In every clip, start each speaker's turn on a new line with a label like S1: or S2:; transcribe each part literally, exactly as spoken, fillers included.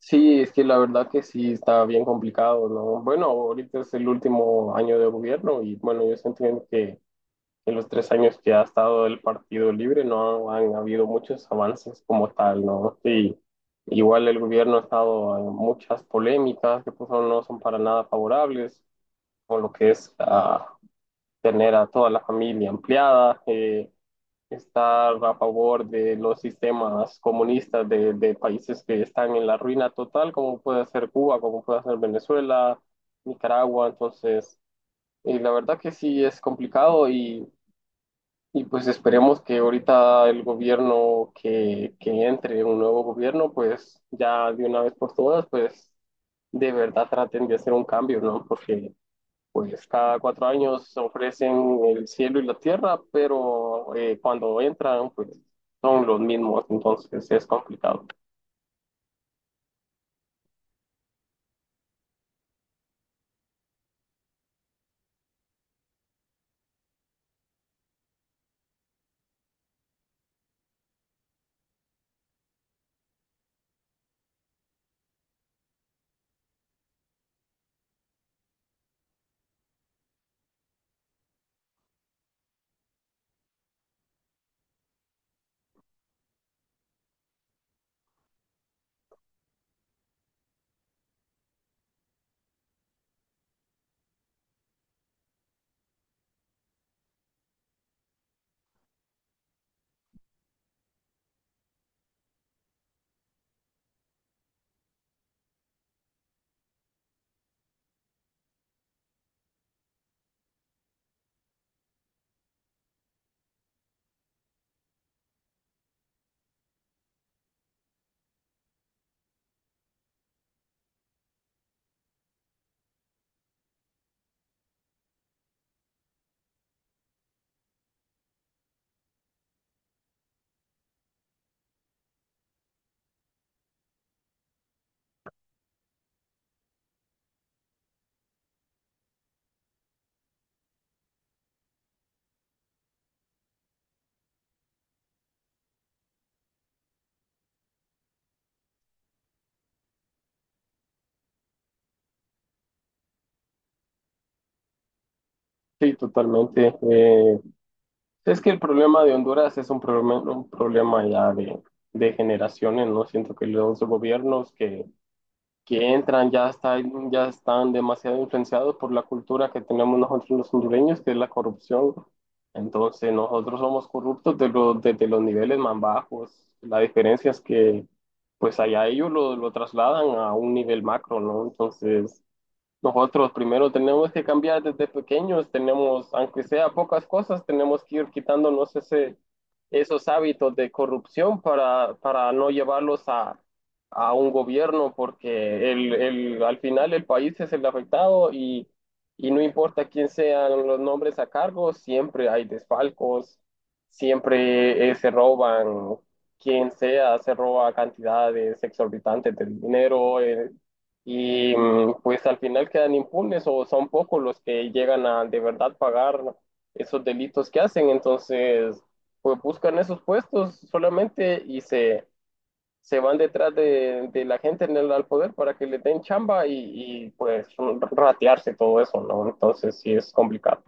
S1: Sí, es que la verdad que sí está bien complicado, ¿no? Bueno, ahorita es el último año de gobierno y bueno, yo entiendo que en los tres años que ha estado el Partido Libre no han habido muchos avances como tal, ¿no? Sí, igual el gobierno ha estado en muchas polémicas que pues, no son para nada favorables, con lo que es ah, tener a toda la familia ampliada. Eh, estar a favor de los sistemas comunistas de, de países que están en la ruina total, como puede ser Cuba, como puede ser Venezuela, Nicaragua. Entonces, eh, la verdad que sí es complicado y, y pues esperemos que ahorita el gobierno que, que entre, un nuevo gobierno, pues ya de una vez por todas, pues de verdad traten de hacer un cambio, ¿no? Porque pues cada cuatro años ofrecen el cielo y la tierra, pero eh, cuando entran, pues son los mismos, entonces es complicado. Sí, totalmente. Eh, es que el problema de Honduras es un problema, un problema ya de, de generaciones, ¿no? Siento que los gobiernos que que entran ya, están ya están demasiado influenciados por la cultura que tenemos nosotros los hondureños, que es la corrupción. Entonces nosotros somos corruptos de los, desde los niveles más bajos. La diferencia es que pues allá ellos lo, lo trasladan a un nivel macro, ¿no? Entonces nosotros primero tenemos que cambiar desde pequeños, tenemos, aunque sea pocas cosas, tenemos que ir quitándonos ese, esos hábitos de corrupción para, para no llevarlos a, a un gobierno, porque el, el, al final el país es el afectado y, y no importa quién sean los nombres a cargo, siempre hay desfalcos, siempre eh, se roban, quien sea, se roba cantidades exorbitantes de dinero. Eh, y mm, pues al final quedan impunes o son pocos los que llegan a de verdad pagar esos delitos que hacen. Entonces, pues buscan esos puestos solamente y se, se van detrás de, de la gente en el, al poder para que le den chamba y, y, pues ratearse todo eso, ¿no? Entonces sí es complicado.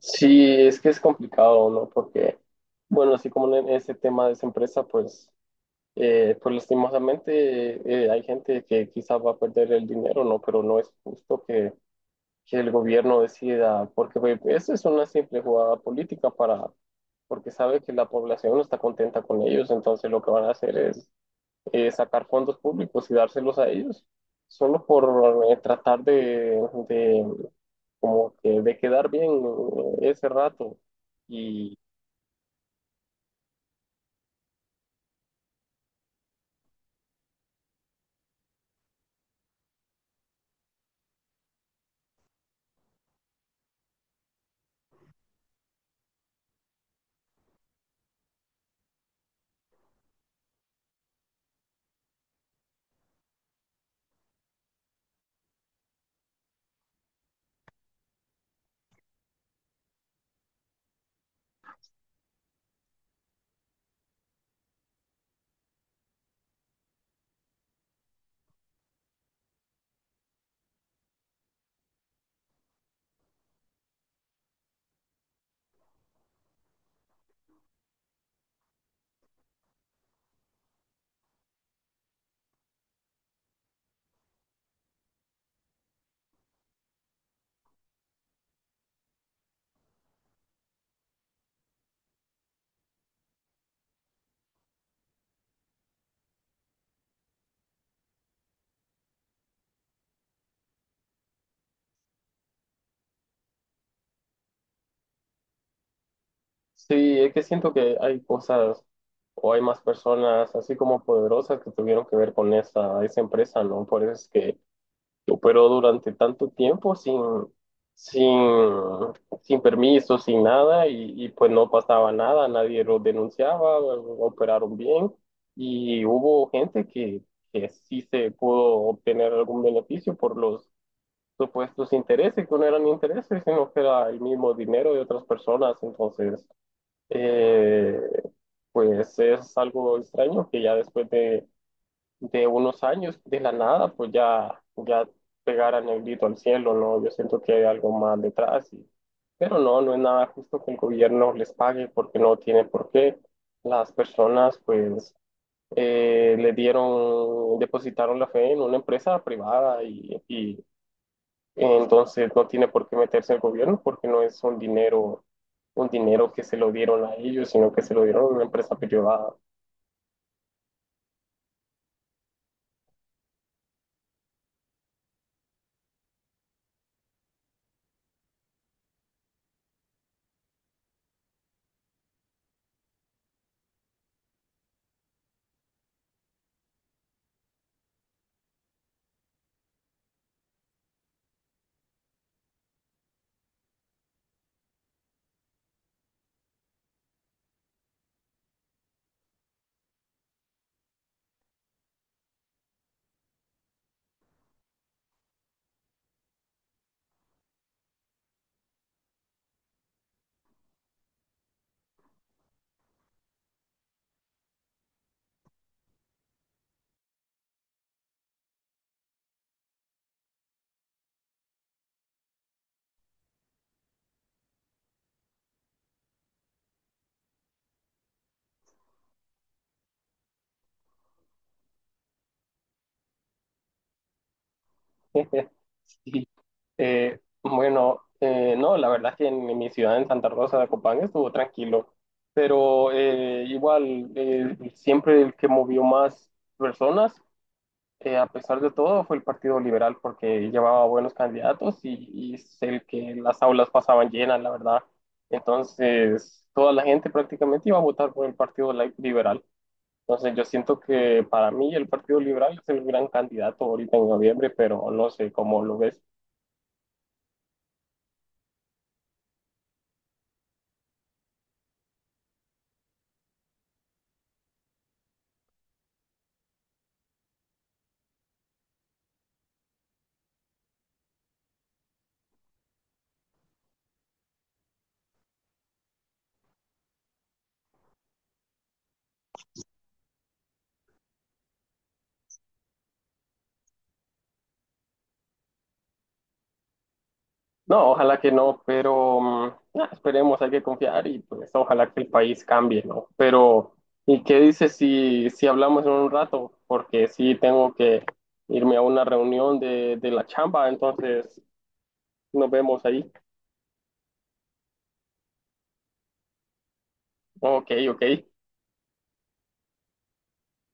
S1: Sí, es que es complicado, ¿no? Porque, bueno, así como en ese tema de esa empresa, pues Eh, pues lastimosamente eh, hay gente que quizás va a perder el dinero, ¿no? Pero no es justo que, que el gobierno decida, porque pues, eso es una simple jugada política para, porque sabe que la población no está contenta con ellos, entonces lo que van a hacer es eh, sacar fondos públicos y dárselos a ellos, solo por eh, tratar de, de como que de quedar bien eh, ese rato. Sí, es que siento que hay cosas o hay más personas así como poderosas que tuvieron que ver con esa, esa empresa, ¿no? Por eso es que operó durante tanto tiempo sin, sin, sin permiso, sin nada y, y pues no pasaba nada, nadie lo denunciaba, operaron bien y hubo gente que, que sí se pudo obtener algún beneficio por los supuestos intereses, que no eran intereses, sino que era el mismo dinero de otras personas, entonces eh, pues es algo extraño que ya después de, de unos años, de la nada, pues ya, ya pegaran el grito al cielo, ¿no? Yo siento que hay algo más detrás, y- pero no, no es nada justo que el gobierno les pague porque no tiene por qué. Las personas, pues, eh, le dieron, depositaron la fe en una empresa privada y, y entonces no tiene por qué meterse el gobierno porque no es un dinero, un dinero que se lo dieron a ellos, sino que se lo dieron a una empresa privada. Sí. Eh, bueno, eh, no, la verdad es que en, en mi ciudad, en Santa Rosa de Copán, estuvo tranquilo, pero eh, igual, eh, siempre el que movió más personas eh, a pesar de todo, fue el Partido Liberal porque llevaba buenos candidatos y, y es el que las aulas pasaban llenas, la verdad. Entonces, toda la gente prácticamente iba a votar por el Partido Li- Liberal. Entonces, yo siento que para mí el Partido Liberal es el gran candidato ahorita en noviembre, pero no sé cómo lo ves. No, ojalá que no, pero mm, nah, esperemos, hay que confiar y pues ojalá que el país cambie, ¿no? Pero, ¿y qué dices si, si hablamos en un rato? Porque sí tengo que irme a una reunión de, de la chamba, entonces nos vemos ahí. Ok, ok.